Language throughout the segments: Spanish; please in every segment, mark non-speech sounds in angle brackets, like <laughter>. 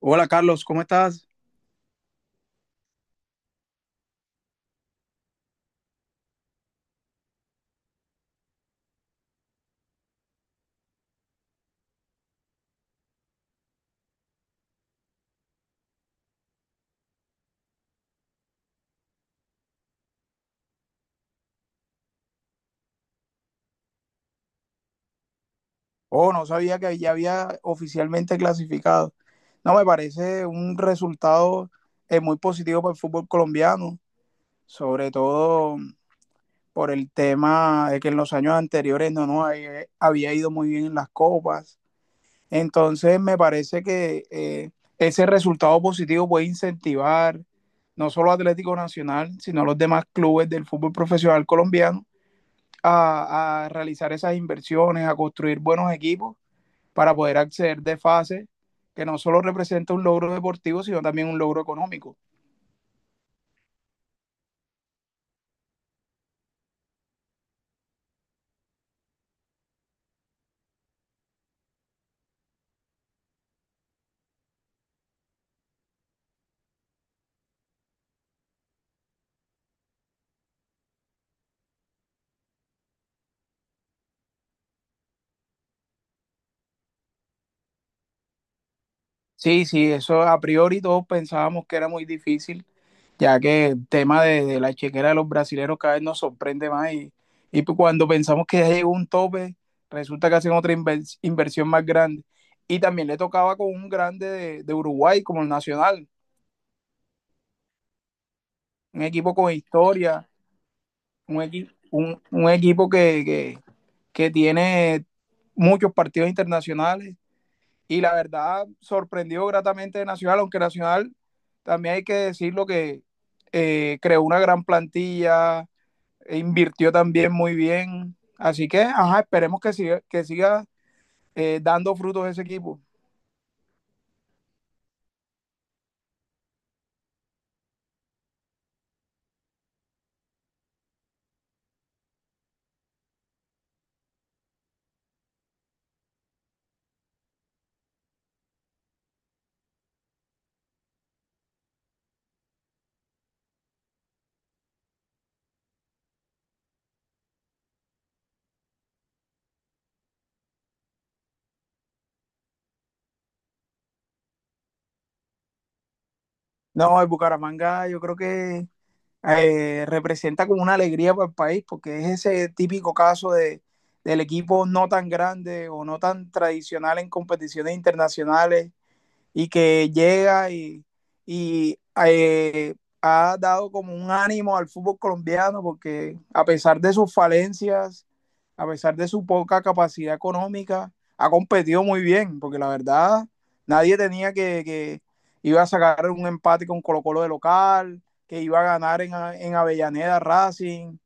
Hola Carlos, ¿cómo estás? Oh, no sabía que ya había oficialmente clasificado. No, me parece un resultado muy positivo para el fútbol colombiano, sobre todo por el tema de que en los años anteriores no nos había ido muy bien en las copas. Entonces, me parece que ese resultado positivo puede incentivar no solo a Atlético Nacional, sino a los demás clubes del fútbol profesional colombiano a realizar esas inversiones, a construir buenos equipos para poder acceder de fase, que no solo representa un logro deportivo, sino también un logro económico. Sí, sí, eso a priori todos pensábamos que era muy difícil, ya que el tema de la chequera de los brasileros cada vez nos sorprende más y pues cuando pensamos que ya llegó un tope, resulta que hacen otra inversión más grande. Y también le tocaba con un grande de Uruguay como el Nacional, un equipo con historia, un equipo que tiene muchos partidos internacionales y la verdad sorprendió gratamente de Nacional, aunque Nacional también hay que decirlo que creó una gran plantilla, e invirtió también muy bien. Así que, ajá, esperemos que que siga dando frutos ese equipo. No, el Bucaramanga yo creo que representa como una alegría para el país, porque es ese típico caso de, del equipo no tan grande o no tan tradicional en competiciones internacionales y que llega y eh, ha dado como un ánimo al fútbol colombiano porque a pesar de sus falencias, a pesar de su poca capacidad económica, ha competido muy bien, porque la verdad nadie tenía que iba a sacar un empate con Colo Colo de local, que iba a ganar en Avellaneda Racing.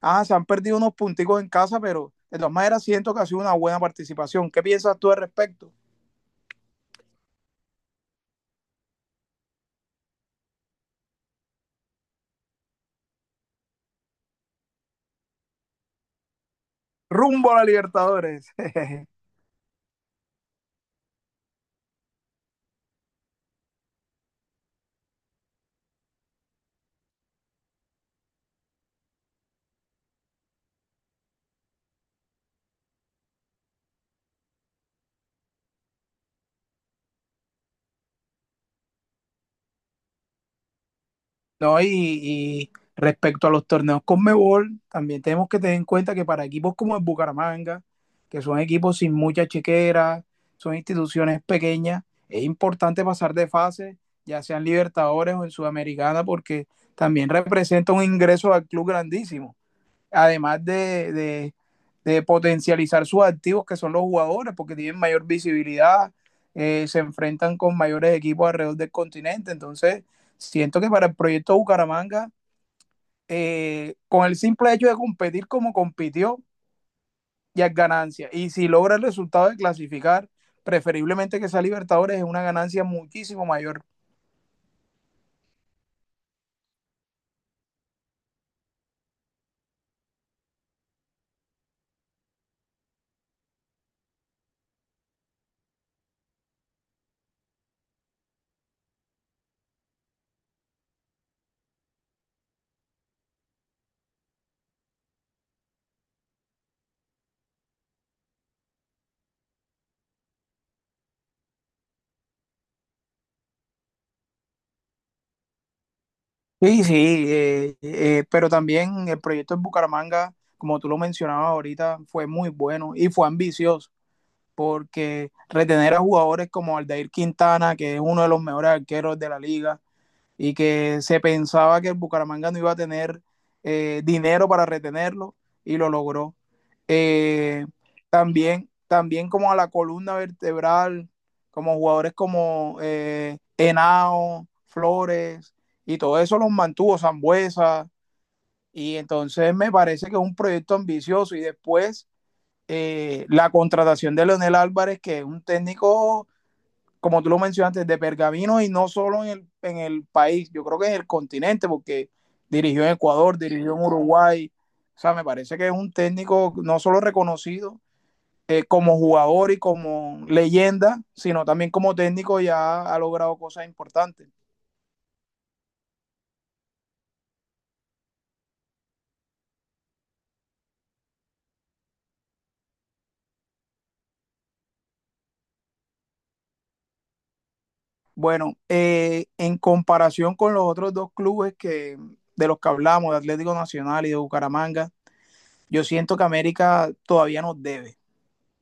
Ah, se han perdido unos punticos en casa, pero de todas maneras siento que ha sido una buena participación. ¿Qué piensas tú al respecto? Rumbo a la Libertadores. <laughs> ¿No? Y respecto a los torneos Conmebol, también tenemos que tener en cuenta que para equipos como el Bucaramanga, que son equipos sin mucha chequera, son instituciones pequeñas, es importante pasar de fase, ya sean Libertadores o en Sudamericana, porque también representa un ingreso al club grandísimo además de potencializar sus activos, que son los jugadores, porque tienen mayor visibilidad, se enfrentan con mayores equipos alrededor del continente. Entonces, siento que para el proyecto Bucaramanga, con el simple hecho de competir como compitió, ya es ganancia. Y si logra el resultado de clasificar, preferiblemente que sea Libertadores, es una ganancia muchísimo mayor. Sí, sí, pero también el proyecto en Bucaramanga, como tú lo mencionabas ahorita, fue muy bueno y fue ambicioso. Porque retener a jugadores como Aldair Quintana, que es uno de los mejores arqueros de la liga, y que se pensaba que el Bucaramanga no iba a tener dinero para retenerlo, y lo logró. Eh, también, también como a la columna vertebral, como jugadores como Henao, Flores, y todo eso los mantuvo Zambuesa, y entonces me parece que es un proyecto ambicioso, y después la contratación de Leonel Álvarez, que es un técnico, como tú lo mencionaste, de pergamino y no solo en en el país, yo creo que en el continente, porque dirigió en Ecuador, dirigió en Uruguay. O sea, me parece que es un técnico no solo reconocido como jugador y como leyenda, sino también como técnico ya ha logrado cosas importantes. Bueno, en comparación con los otros dos clubes que, de los que hablamos, de Atlético Nacional y de Bucaramanga, yo siento que América todavía nos debe,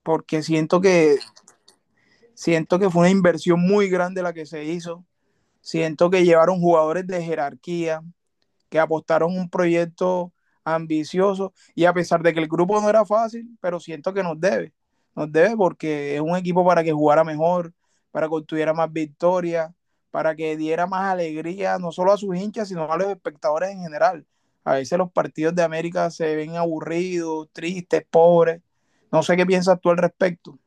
porque siento que fue una inversión muy grande la que se hizo. Siento que llevaron jugadores de jerarquía, que apostaron un proyecto ambicioso y a pesar de que el grupo no era fácil, pero siento que nos debe porque es un equipo para que jugara mejor, para que obtuviera más victorias, para que diera más alegría no solo a sus hinchas, sino a los espectadores en general. A veces los partidos de América se ven aburridos, tristes, pobres. No sé qué piensas tú al respecto.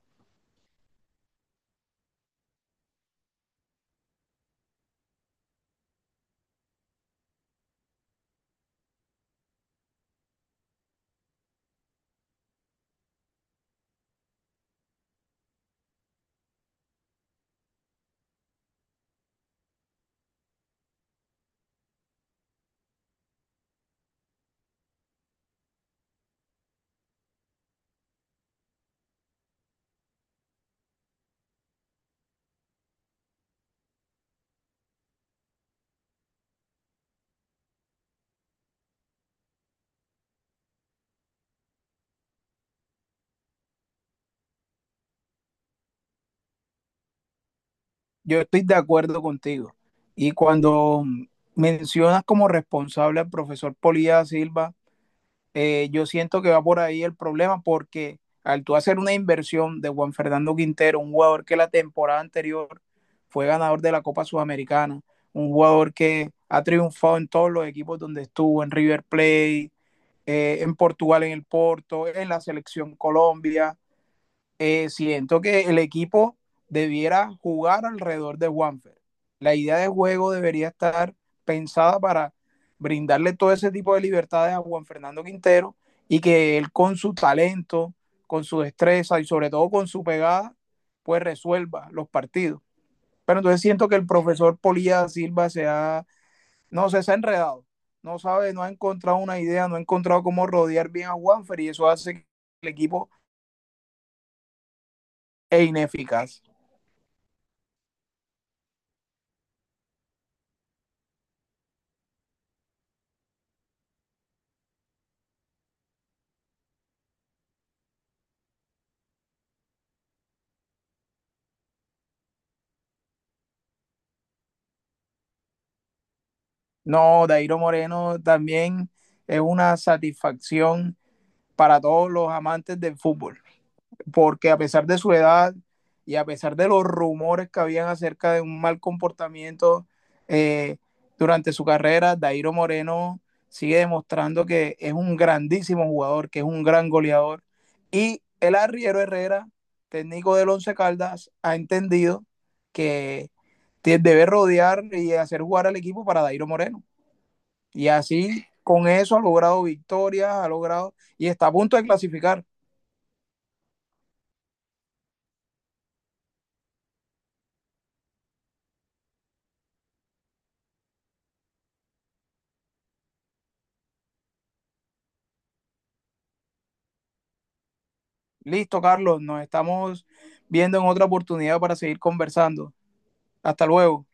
Yo estoy de acuerdo contigo. Y cuando mencionas como responsable al profesor Polía Silva, yo siento que va por ahí el problema porque al tú hacer una inversión de Juan Fernando Quintero, un jugador que la temporada anterior fue ganador de la Copa Sudamericana, un jugador que ha triunfado en todos los equipos donde estuvo, en River Plate, en Portugal, en el Porto, en la selección Colombia, siento que el equipo debiera jugar alrededor de Juanfer. La idea de juego debería estar pensada para brindarle todo ese tipo de libertades a Juan Fernando Quintero y que él con su talento, con su destreza y sobre todo con su pegada, pues resuelva los partidos. Pero entonces siento que el profesor Polilla Silva se ha, no sé, se ha enredado. No sabe, no ha encontrado una idea, no ha encontrado cómo rodear bien a Juanfer y eso hace que el equipo es ineficaz. No, Dairo Moreno también es una satisfacción para todos los amantes del fútbol, porque a pesar de su edad y a pesar de los rumores que habían acerca de un mal comportamiento eh, durante su carrera, Dairo Moreno sigue demostrando que es un grandísimo jugador, que es un gran goleador. Y el arriero Herrera, técnico del Once Caldas, ha entendido que debe rodear y hacer jugar al equipo para Dairo Moreno. Y así, con eso ha logrado victorias, ha logrado y está a punto de clasificar. Listo, Carlos, nos estamos viendo en otra oportunidad para seguir conversando. Hasta luego.